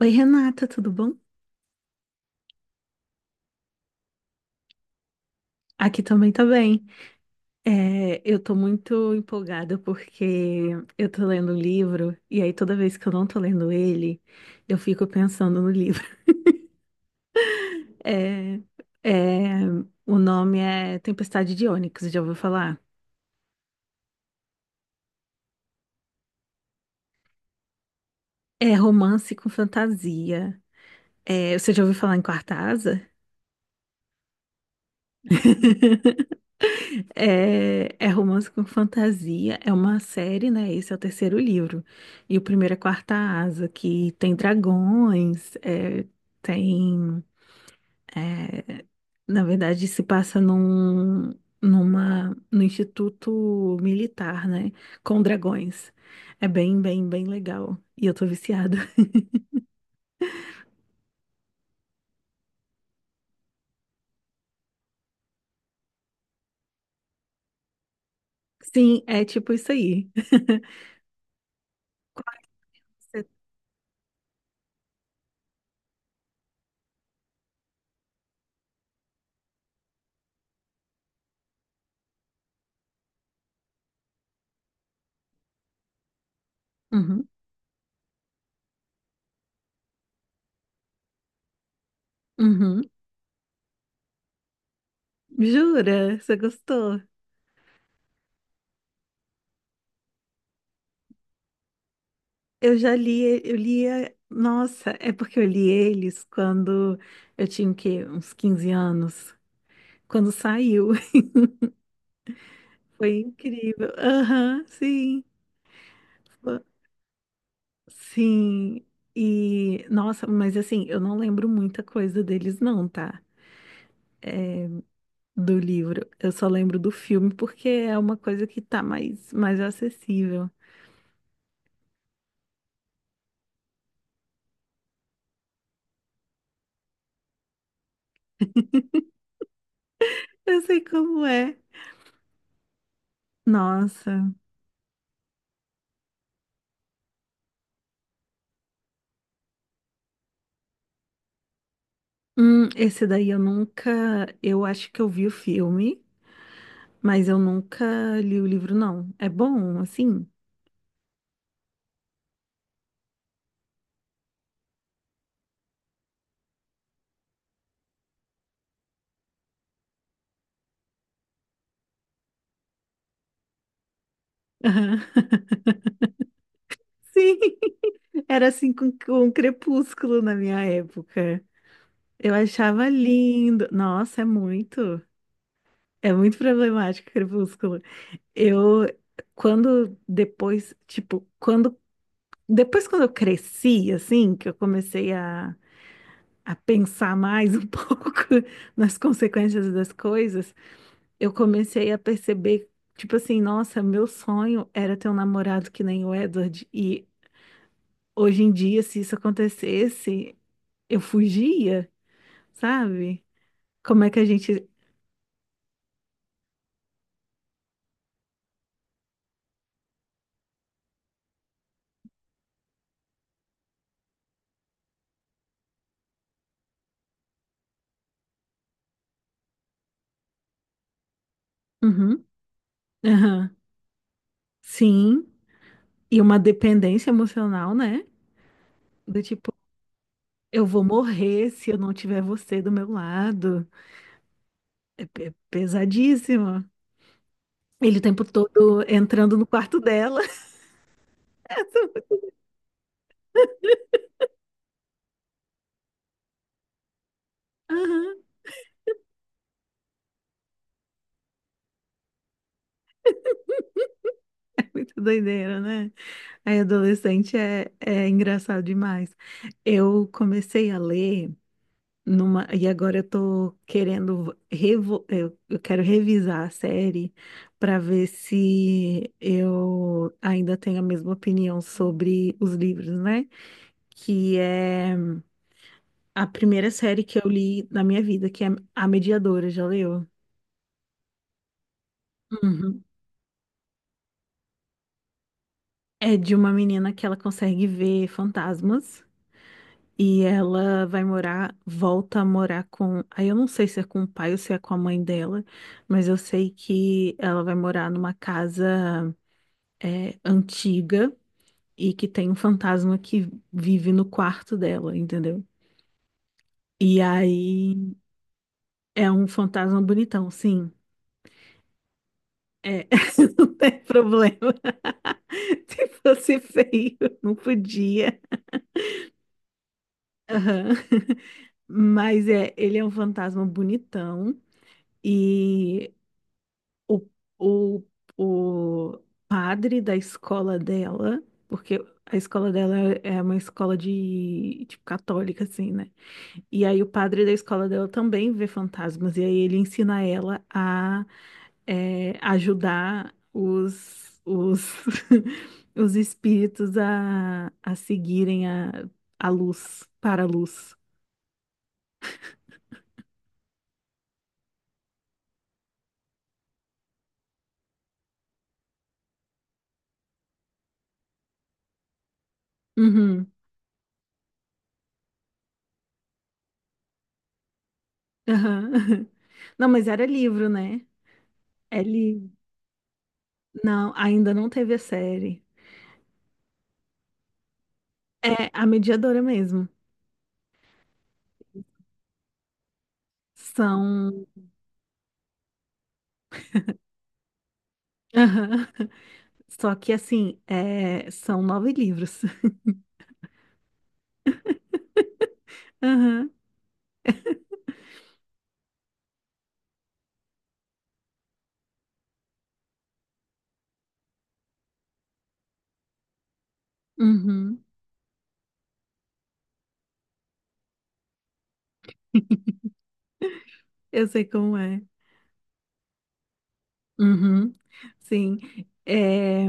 Oi, Renata, tudo bom? Aqui também tá bem. Eu tô muito empolgada porque eu tô lendo um livro e aí toda vez que eu não tô lendo ele, eu fico pensando no livro. É, é, o nome é Tempestade de Ônix, já ouviu falar? É romance com fantasia. É, você já ouviu falar em Quarta Asa? É romance com fantasia, é uma série, né? Esse é o terceiro livro. E o primeiro é Quarta Asa, que tem dragões, tem. é, na verdade, se passa no Instituto Militar, né? Com dragões. É bem, bem, bem legal. E eu tô viciada. Sim, é tipo isso aí. Qual é que você- Uhum, uhum. Jura? Você gostou? Eu já li, nossa, é porque eu li eles quando eu tinha o quê? Uns 15 anos, quando saiu. Foi incrível. Aham, sim. Fo- Sim. E, nossa, mas assim, eu não lembro muita coisa deles não, tá? Do livro. Eu só lembro do filme porque é uma coisa que tá mais acessível. Eu sei como é. Nossa. Esse daí eu nunca, eu acho que eu vi o filme. Mas eu nunca li o livro, não. É bom, assim? Aham. Sim, era assim com um Crepúsculo na minha época. Eu achava lindo. Nossa, é muito. É muito problemático Crepúsculo. Eu, quando depois, tipo, quando. Depois, quando eu cresci, assim, que eu comecei a pensar mais um pouco nas consequências das coisas, eu comecei a perceber, tipo assim, nossa, meu sonho era ter um namorado que nem o Edward. E hoje em dia, se isso acontecesse, eu fugia, sabe? Como é que a gente. Uhum, aham, Sim. E uma dependência emocional, né? Do tipo, eu vou morrer se eu não tiver você do meu lado. É pesadíssimo. Ele o tempo todo entrando no quarto dela. Aham, Muito doideira, né? Aí, adolescente é engraçado demais. Eu comecei a ler numa, e agora eu tô querendo eu quero revisar a série para ver se eu ainda tenho a mesma opinião sobre os livros, né? Que é a primeira série que eu li na minha vida, que é A Mediadora, já leu? Uhum. É de uma menina que ela consegue ver fantasmas. Volta a morar com. Aí eu não sei se é com o pai ou se é com a mãe dela, mas eu sei que ela vai morar numa casa antiga e que tem um fantasma que vive no quarto dela, entendeu? E aí é um fantasma bonitão, sim. É, não tem problema. Se fosse feio, não podia. Aham. Mas é, ele é um fantasma bonitão. E o, o, o padre da escola dela, porque a escola dela é uma escola de, tipo, católica, assim, né? E aí o padre da escola dela também vê fantasmas, e aí ele ensina ela a ajudar os espíritos a seguirem a luz, para a luz. Uhum, aham. Não, mas era livro, né? É livro. Não, ainda não teve a série. É a mediadora mesmo. São. Aham. Só que assim, é, são 9 livros. Aham. Uhum. Eu sei como é. Uhum. Sim. É,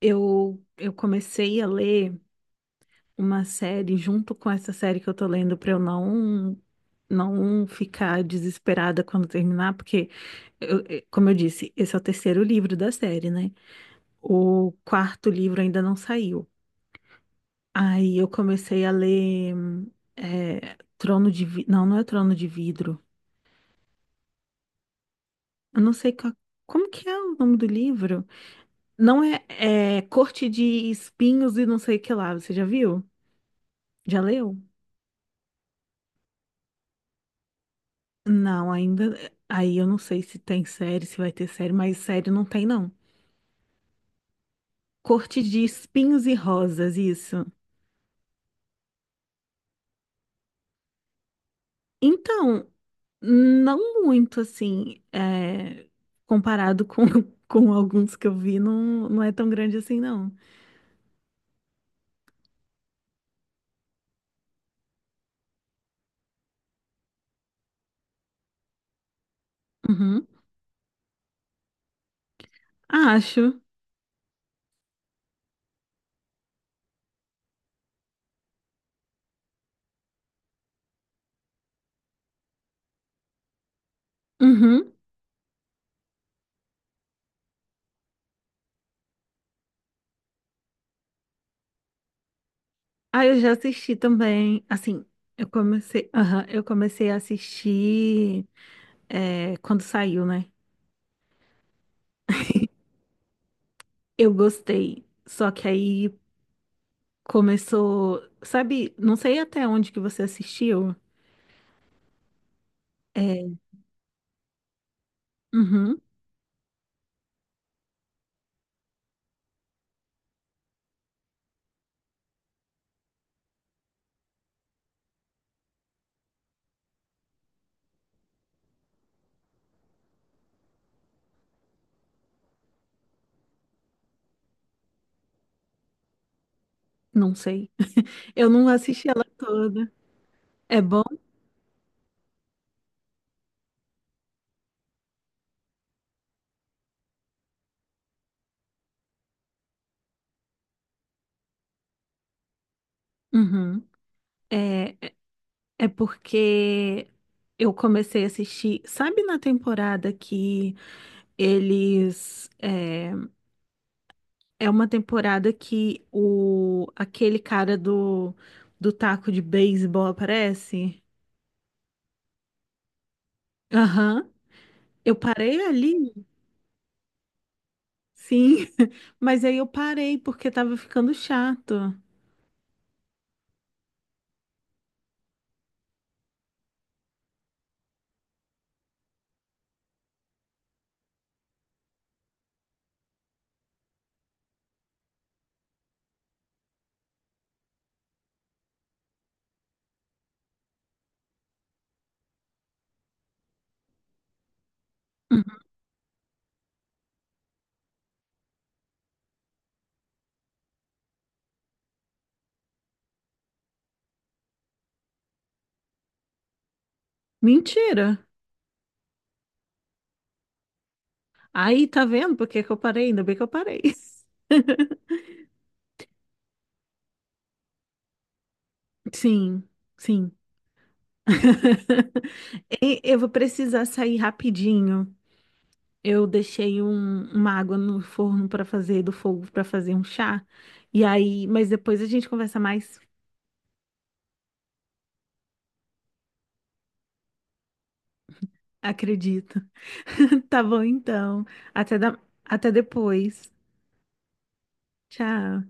eu comecei a ler uma série junto com essa série que eu tô lendo para eu não ficar desesperada quando terminar, porque como eu disse, esse é o terceiro livro da série, né? O quarto livro ainda não saiu. Aí eu comecei a ler Trono de Vi... Não, não é Trono de Vidro. Eu não sei qual- como que é o nome do livro. Não é, é Corte de Espinhos e não sei o que lá. Você já viu? Já leu? Não, ainda. Aí eu não sei se tem série, se vai ter série, mas série não tem, não. Corte de Espinhos e Rosas, isso. Então, não muito assim, é, comparado com, com alguns que eu vi, não, não é tão grande assim, não. Uhum. Acho. Uhum. Ah, eu já assisti também. Assim, eu comecei, aham, eu comecei a assistir quando saiu, né? Eu gostei. Só que aí começou, sabe? Não sei até onde que você assistiu. É, uhum, não sei. Eu não assisti ela toda. É bom? Uhum. É, é porque eu comecei a assistir, sabe na temporada que eles, é, É uma temporada que o aquele cara do taco de beisebol aparece. Aham. Eu parei ali, sim. Mas aí eu parei porque tava ficando chato. Uhum. Mentira. Aí tá vendo por que que eu parei? Ainda bem que eu parei. Sim, sim. E eu vou precisar sair rapidinho. Eu deixei uma água no forno para fazer do fogo para fazer um chá. E aí, mas depois a gente conversa mais, acredito. Tá bom então. Até da- até depois. Tchau.